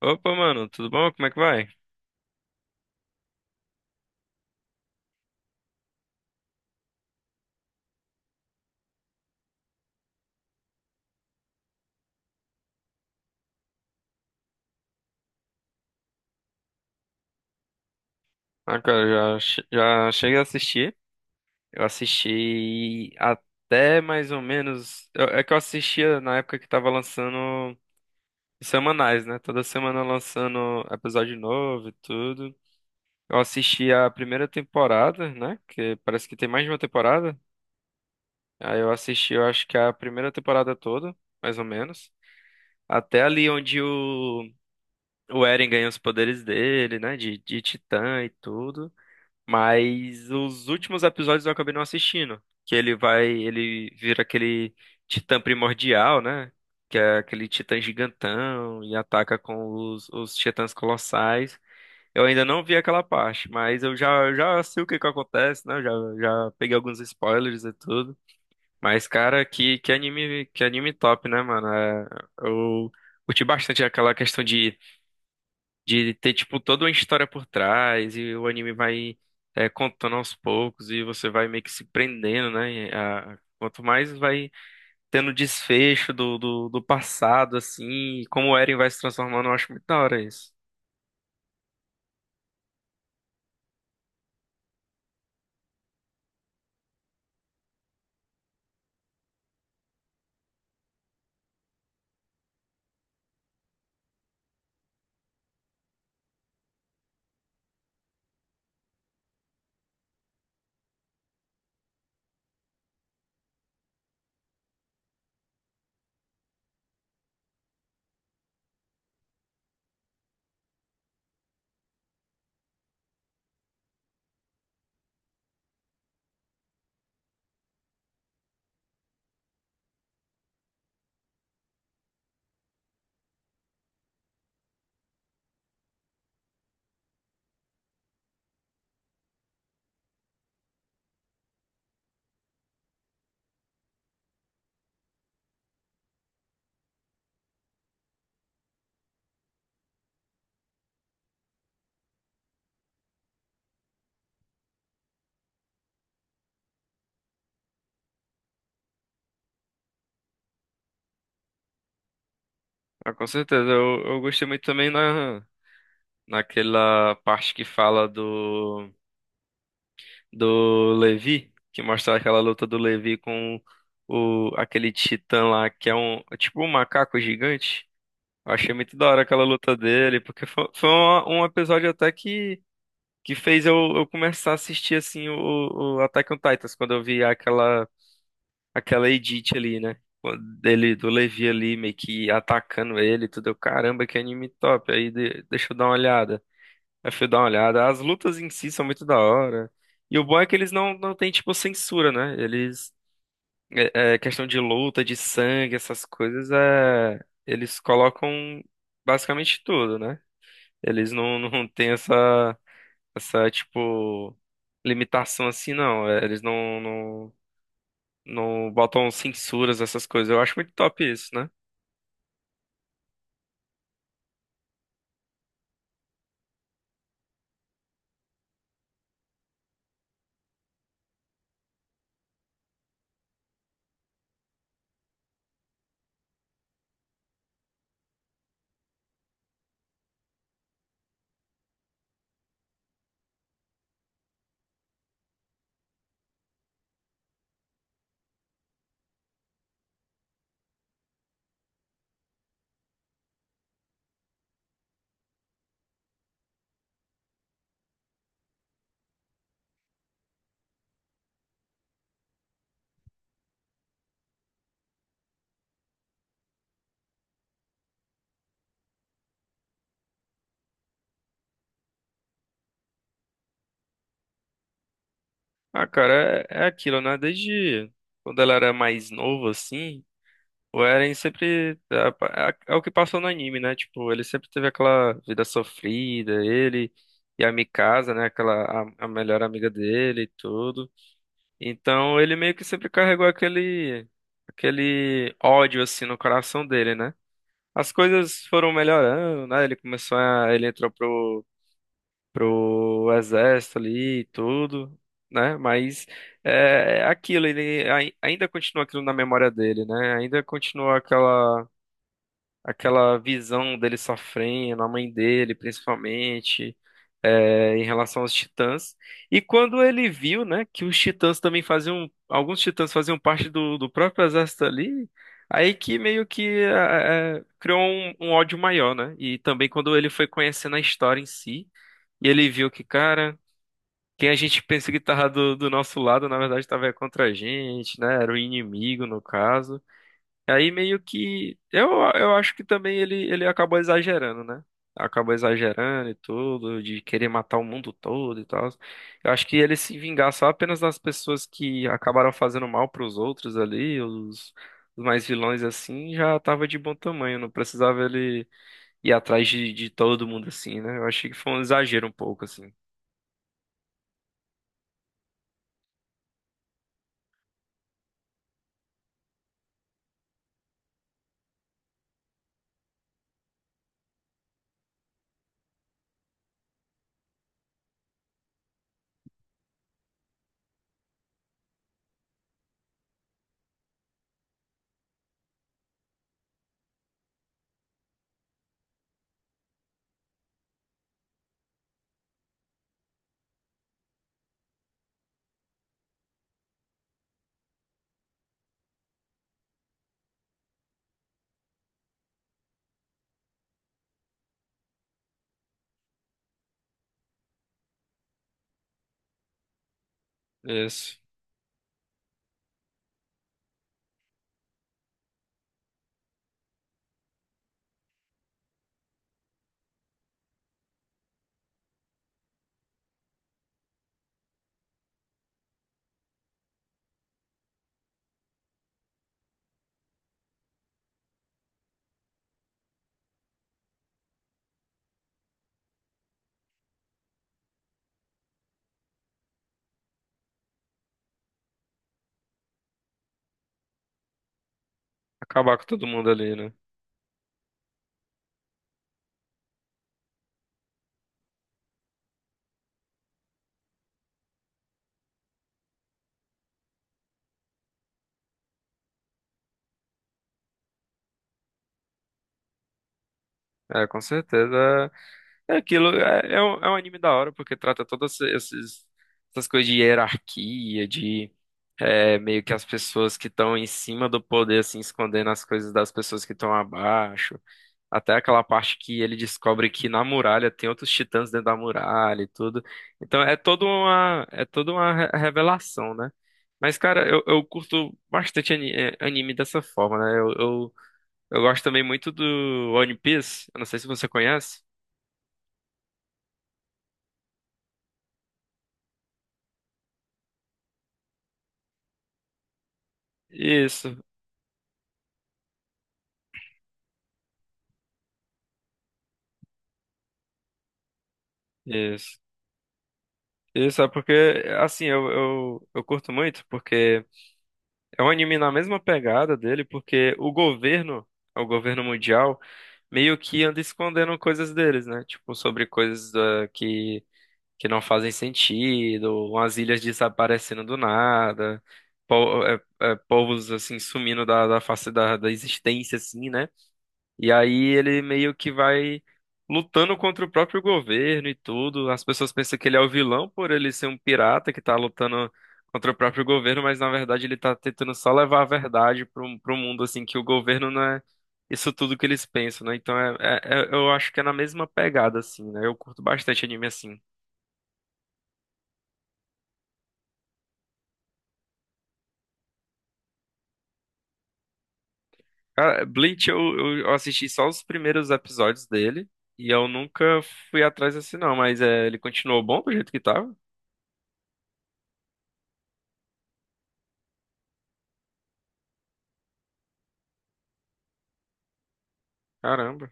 Opa, mano, tudo bom? Como é que vai? Ah, cara, já, já cheguei a assistir. Eu assisti até mais ou menos. É que eu assistia na época que tava lançando semanais, né? Toda semana lançando episódio novo e tudo. Eu assisti a primeira temporada, né? Que parece que tem mais de uma temporada. Aí eu assisti, eu acho que a primeira temporada toda, mais ou menos. Até ali onde o Eren ganha os poderes dele, né? De titã e tudo. Mas os últimos episódios eu acabei não assistindo. Que ele vai, ele vira aquele titã primordial, né? Que é aquele titã gigantão e ataca com os titãs colossais. Eu ainda não vi aquela parte, mas eu já sei o que que acontece, né? Eu já, já peguei alguns spoilers e tudo. Mas, cara, que anime top, né, mano? Eu curti bastante aquela questão de ter, tipo, toda uma história por trás e o anime vai contando aos poucos e você vai meio que se prendendo, né? Quanto mais vai tendo desfecho do passado, assim, e como o Eren vai se transformando, eu acho muito da hora isso. Ah, com certeza, eu gostei muito também naquela parte que fala do Levi, que mostra aquela luta do Levi com o, aquele titã lá, que é um, é tipo um macaco gigante. Eu achei muito da hora aquela luta dele, porque foi, foi episódio até que fez eu começar a assistir assim o Attack on Titans, quando eu vi aquela, aquela edit ali, né? Dele, do Levi ali, meio que atacando ele, e tudo. Eu, caramba, que anime top. Aí deixa eu dar uma olhada. Aí fui dar uma olhada. As lutas em si são muito da hora. E o bom é que eles não têm, tipo, censura, né? Eles. Questão de luta, de sangue, essas coisas, é, eles colocam basicamente tudo, né? Eles não têm essa, essa, tipo, limitação assim, não. É, eles não botam censuras, essas coisas. Eu acho muito top isso, né? Ah, cara, é aquilo, né? Desde quando ela era mais novo, assim, o Eren sempre. É o que passou no anime, né? Tipo, ele sempre teve aquela vida sofrida, ele e a Mikasa, né? Aquela, a melhor amiga dele e tudo. Então ele meio que sempre carregou aquele aquele ódio assim no coração dele, né? As coisas foram melhorando, né? Ele começou a ele entrou pro exército ali e tudo, né? Mas é aquilo, ele ainda continua aquilo na memória dele, né? Ainda continua aquela aquela visão dele sofrendo, a mãe dele principalmente em relação aos Titãs. E quando ele viu, né, que os Titãs também faziam, alguns Titãs faziam parte do próprio exército ali, aí que meio que criou um, um ódio maior, né? E também quando ele foi conhecendo a história em si, e ele viu que, cara, quem a gente pensa que tava do nosso lado, na verdade, tava contra a gente, né? Era o inimigo, no caso. Aí meio que eu acho que também ele acabou exagerando, né? Acabou exagerando e tudo, de querer matar o mundo todo e tal. Eu acho que ele se vingar só apenas das pessoas que acabaram fazendo mal pros outros ali, os mais vilões assim, já tava de bom tamanho, não precisava ele ir atrás de todo mundo assim, né? Eu achei que foi um exagero um pouco assim. Isso. Acabar com todo mundo ali, né? É, com certeza. É aquilo, é um anime da hora, porque trata essas coisas de hierarquia, de é, meio que as pessoas que estão em cima do poder, assim, escondendo as coisas das pessoas que estão abaixo. Até aquela parte que ele descobre que na muralha tem outros titãs dentro da muralha e tudo. Então é toda uma revelação, né? Mas, cara, eu curto bastante anime dessa forma, né? Eu gosto também muito do One Piece. Eu não sei se você conhece. Isso, isso. Isso é porque, assim, eu curto muito, porque é um anime na mesma pegada dele, porque o governo mundial, meio que anda escondendo coisas deles, né? Tipo, sobre coisas que não fazem sentido, umas ilhas desaparecendo do nada, povos, assim, sumindo da face da existência, assim, né? E aí ele meio que vai lutando contra o próprio governo e tudo. As pessoas pensam que ele é o vilão por ele ser um pirata que tá lutando contra o próprio governo, mas na verdade ele tá tentando só levar a verdade pro mundo, assim, que o governo não é isso tudo que eles pensam, né? Então eu acho que é na mesma pegada, assim, né? Eu curto bastante anime assim. Cara, Bleach eu assisti só os primeiros episódios dele. E eu nunca fui atrás assim, não, mas é, ele continuou bom do jeito que tava? Caramba.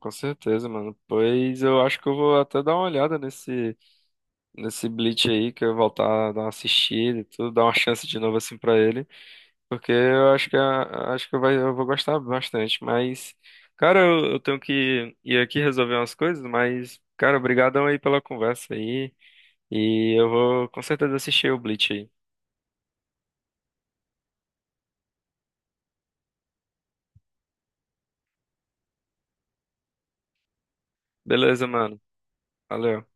Com certeza, mano. Pois eu acho que eu vou até dar uma olhada nesse, nesse Bleach aí, que eu vou voltar a dar uma assistida e tudo, dar uma chance de novo assim pra ele, porque eu acho que acho que vai, eu vou gostar bastante. Mas, cara, eu tenho que ir aqui resolver umas coisas, mas, cara, obrigadão aí pela conversa aí, e eu vou com certeza assistir o Bleach aí. Beleza, mano. Valeu.